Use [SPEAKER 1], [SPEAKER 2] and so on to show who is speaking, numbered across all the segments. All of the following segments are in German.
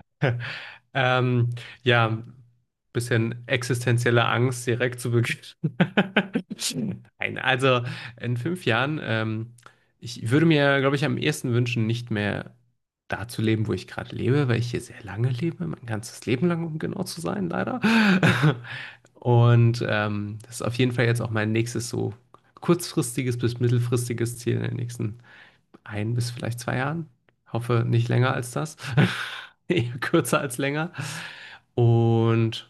[SPEAKER 1] Ähm, ja, bisschen existenzielle Angst direkt zu Beginn. Nein, also in fünf Jahren, ich würde mir, glaube ich, am ehesten wünschen, nicht mehr da zu leben, wo ich gerade lebe, weil ich hier sehr lange lebe, mein ganzes Leben lang, um genau zu sein, leider. Und das ist auf jeden Fall jetzt auch mein nächstes so kurzfristiges bis mittelfristiges Ziel in den nächsten ein bis vielleicht zwei Jahren. Hoffe nicht länger als das. Eher kürzer als länger. Und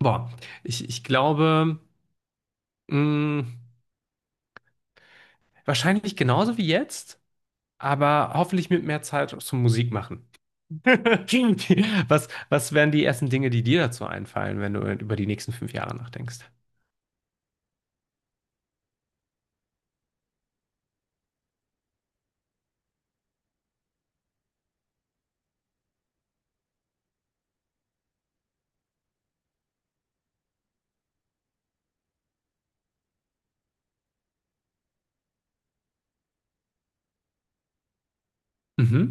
[SPEAKER 1] boah, ich glaube, mh, wahrscheinlich genauso wie jetzt, aber hoffentlich mit mehr Zeit zum Musik machen. Was wären die ersten Dinge, die dir dazu einfallen, wenn du über die nächsten fünf Jahre nachdenkst? Mhm.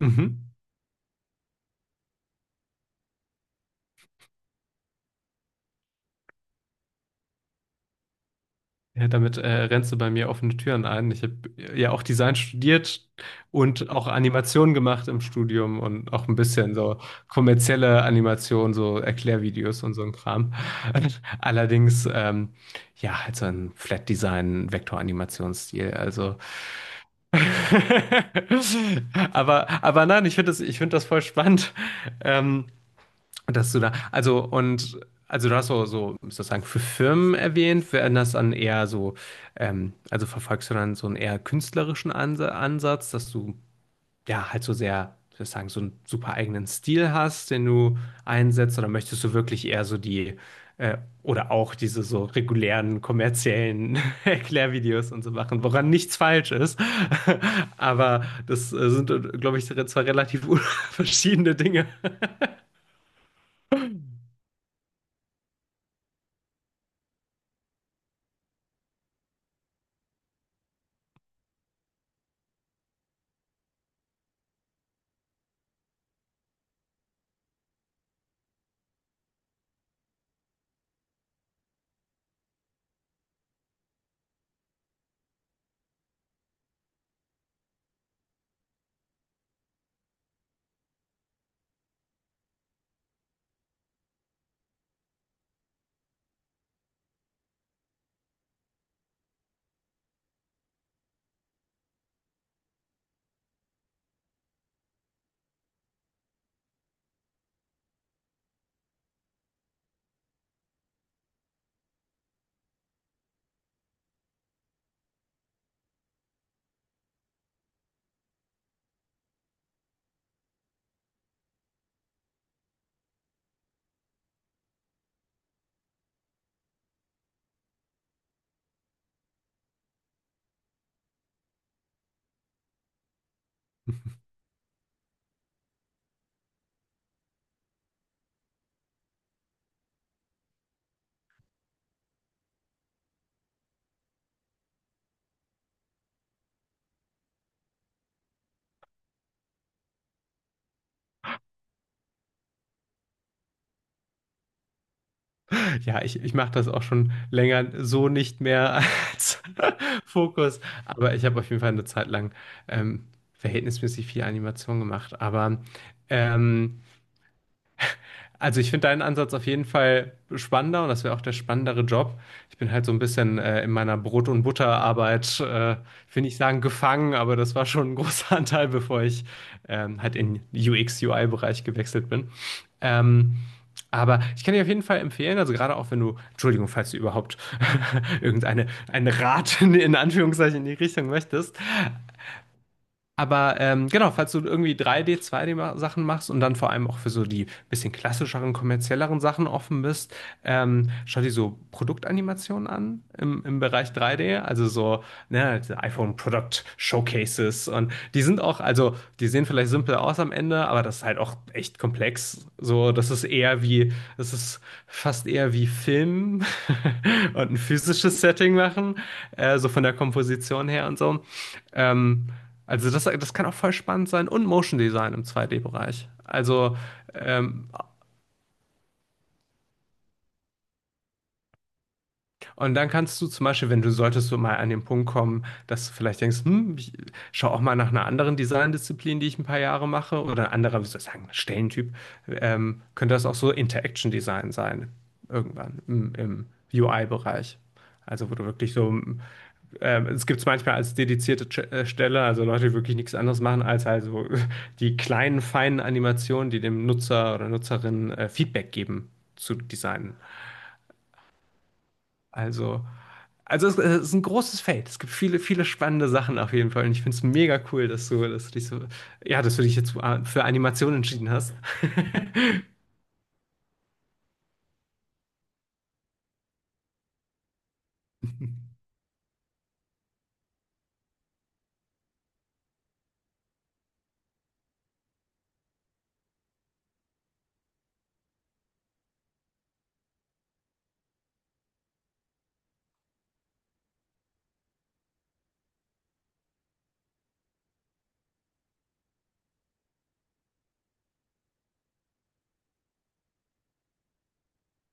[SPEAKER 1] Mhm. Ja, damit rennst du bei mir offene Türen ein. Ich habe ja auch Design studiert und auch Animationen gemacht im Studium und auch ein bisschen so kommerzielle Animationen, so Erklärvideos und so ein Kram. Allerdings, ja, halt so ein Flat Design Vektoranimationsstil. Also, aber nein, ich finde das voll spannend. Ähm, dass du da, also und also du hast so, so sozusagen für Firmen erwähnt, werden das dann eher so, also verfolgst du dann so einen eher künstlerischen Ansatz, dass du ja halt so sehr, sozusagen, so einen super eigenen Stil hast, den du einsetzt, oder möchtest du wirklich eher so die oder auch diese so regulären kommerziellen Erklärvideos und so machen, woran nichts falsch ist. Aber das sind, glaube ich, zwei relativ verschiedene Dinge. Ja, ich mache das auch schon länger so nicht mehr als Fokus, aber ich habe auf jeden Fall eine Zeit lang ähm, verhältnismäßig viel Animation gemacht. Aber ähm, also ich finde deinen Ansatz auf jeden Fall spannender und das wäre auch der spannendere Job. Ich bin halt so ein bisschen in meiner Brot- und Butterarbeit, ich will nicht sagen gefangen, aber das war schon ein großer Anteil, bevor ich halt in UX-UI-Bereich gewechselt bin. Ähm, aber ich kann dir auf jeden Fall empfehlen, also gerade auch wenn du, Entschuldigung, falls du überhaupt irgendeine einen Rat in Anführungszeichen in die Richtung möchtest, aber genau, falls du irgendwie 3 d zwei 2D-Sachen machst und dann vor allem auch für so die bisschen klassischeren, kommerzielleren Sachen offen bist, schau dir so Produktanimationen an im Bereich 3D, also so ne, diese iPhone Product Showcases und die sind auch, also die sehen vielleicht simpel aus am Ende, aber das ist halt auch echt komplex. So, das ist das ist fast eher wie Film und ein physisches Setting machen, so von der Komposition her und so. Ähm, also das kann auch voll spannend sein und Motion Design im 2D-Bereich. Also ähm, und dann kannst du zum Beispiel, wenn du solltest du mal an den Punkt kommen, dass du vielleicht denkst, hm, ich schau auch mal nach einer anderen Design-Disziplin, die ich ein paar Jahre mache, oder ein anderer, wie soll ich sagen, Stellentyp, könnte das auch so Interaction Design sein, irgendwann im UI-Bereich. Also wo du wirklich so, es gibt es manchmal als dedizierte Stelle, also Leute, die wirklich nichts anderes machen, als also die kleinen, feinen Animationen, die dem Nutzer oder Nutzerin Feedback geben, zu designen. Also, also es ist ein großes Feld. Es gibt viele, viele spannende Sachen auf jeden Fall. Und ich finde es mega cool, dass du dich so, ja, dass du dich jetzt für Animation entschieden hast.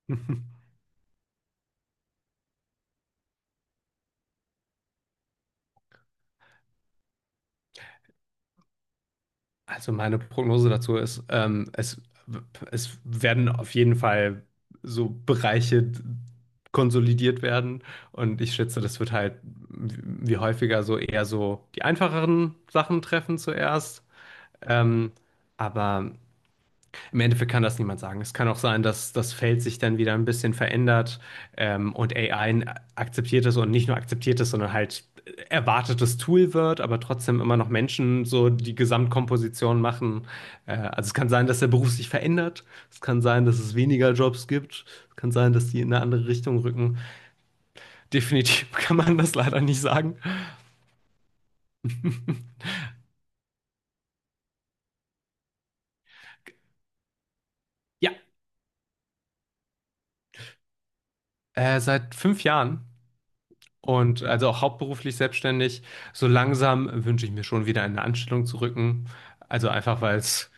[SPEAKER 1] Also meine Prognose dazu ist, es werden auf jeden Fall so Bereiche konsolidiert werden. Und ich schätze, das wird halt wie häufiger so eher so die einfacheren Sachen treffen zuerst. Ähm, aber im Endeffekt kann das niemand sagen. Es kann auch sein, dass das Feld sich dann wieder ein bisschen verändert und AI akzeptiert es und nicht nur akzeptiert es, sondern halt erwartetes Tool wird, aber trotzdem immer noch Menschen so die Gesamtkomposition machen. Also es kann sein, dass der Beruf sich verändert. Es kann sein, dass es weniger Jobs gibt. Es kann sein, dass die in eine andere Richtung rücken. Definitiv kann man das leider nicht sagen. Ja, seit fünf Jahren. Und also auch hauptberuflich selbstständig. So langsam wünsche ich mir schon wieder eine Anstellung zu rücken. Also einfach, weil es,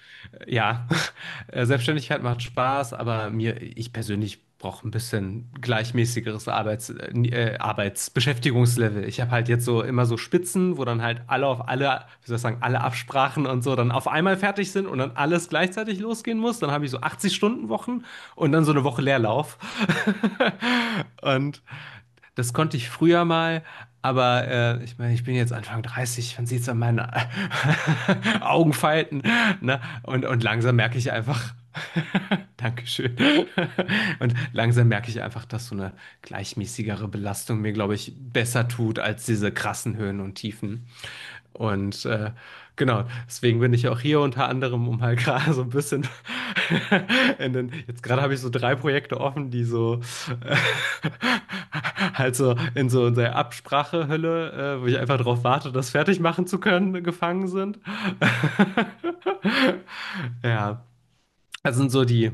[SPEAKER 1] äh, ja, Selbstständigkeit macht Spaß, aber mir, ich persönlich brauche ein bisschen gleichmäßigeres Arbeitsbeschäftigungslevel. Ich habe halt jetzt so immer so Spitzen, wo dann halt alle, wie soll ich sagen, alle Absprachen und so dann auf einmal fertig sind und dann alles gleichzeitig losgehen muss. Dann habe ich so 80-Stunden-Wochen und dann so eine Woche Leerlauf. Und das konnte ich früher mal, aber ich meine, ich bin jetzt Anfang 30, man sieht es an meinen Augenfalten, ne? Und langsam merke ich einfach, dankeschön. Und langsam merke ich einfach, dass so eine gleichmäßigere Belastung mir, glaube ich, besser tut als diese krassen Höhen und Tiefen. Und genau, deswegen bin ich auch hier unter anderem, um halt gerade so ein bisschen in jetzt gerade habe ich so drei Projekte offen, die so äh, halt so in der Absprachehölle, wo ich einfach darauf warte, das fertig machen zu können, gefangen sind. Ja, das sind so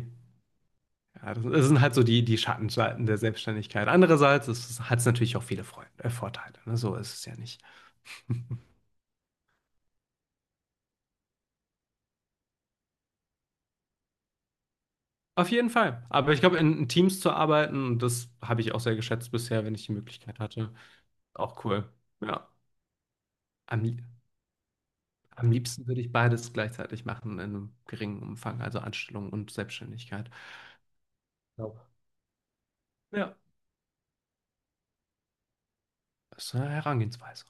[SPEAKER 1] ja, das sind halt so die Schattenseiten der Selbstständigkeit. Andererseits hat's natürlich auch viele Vorteile, ne? So ist es ja nicht. Auf jeden Fall. Aber ich glaube, in Teams zu arbeiten, und das habe ich auch sehr geschätzt bisher, wenn ich die Möglichkeit hatte. Auch cool. Ja. Am, lie- am liebsten würde ich beides gleichzeitig machen, in einem geringen Umfang, also Anstellung und Selbstständigkeit. Ja. Ja, das ist eine Herangehensweise.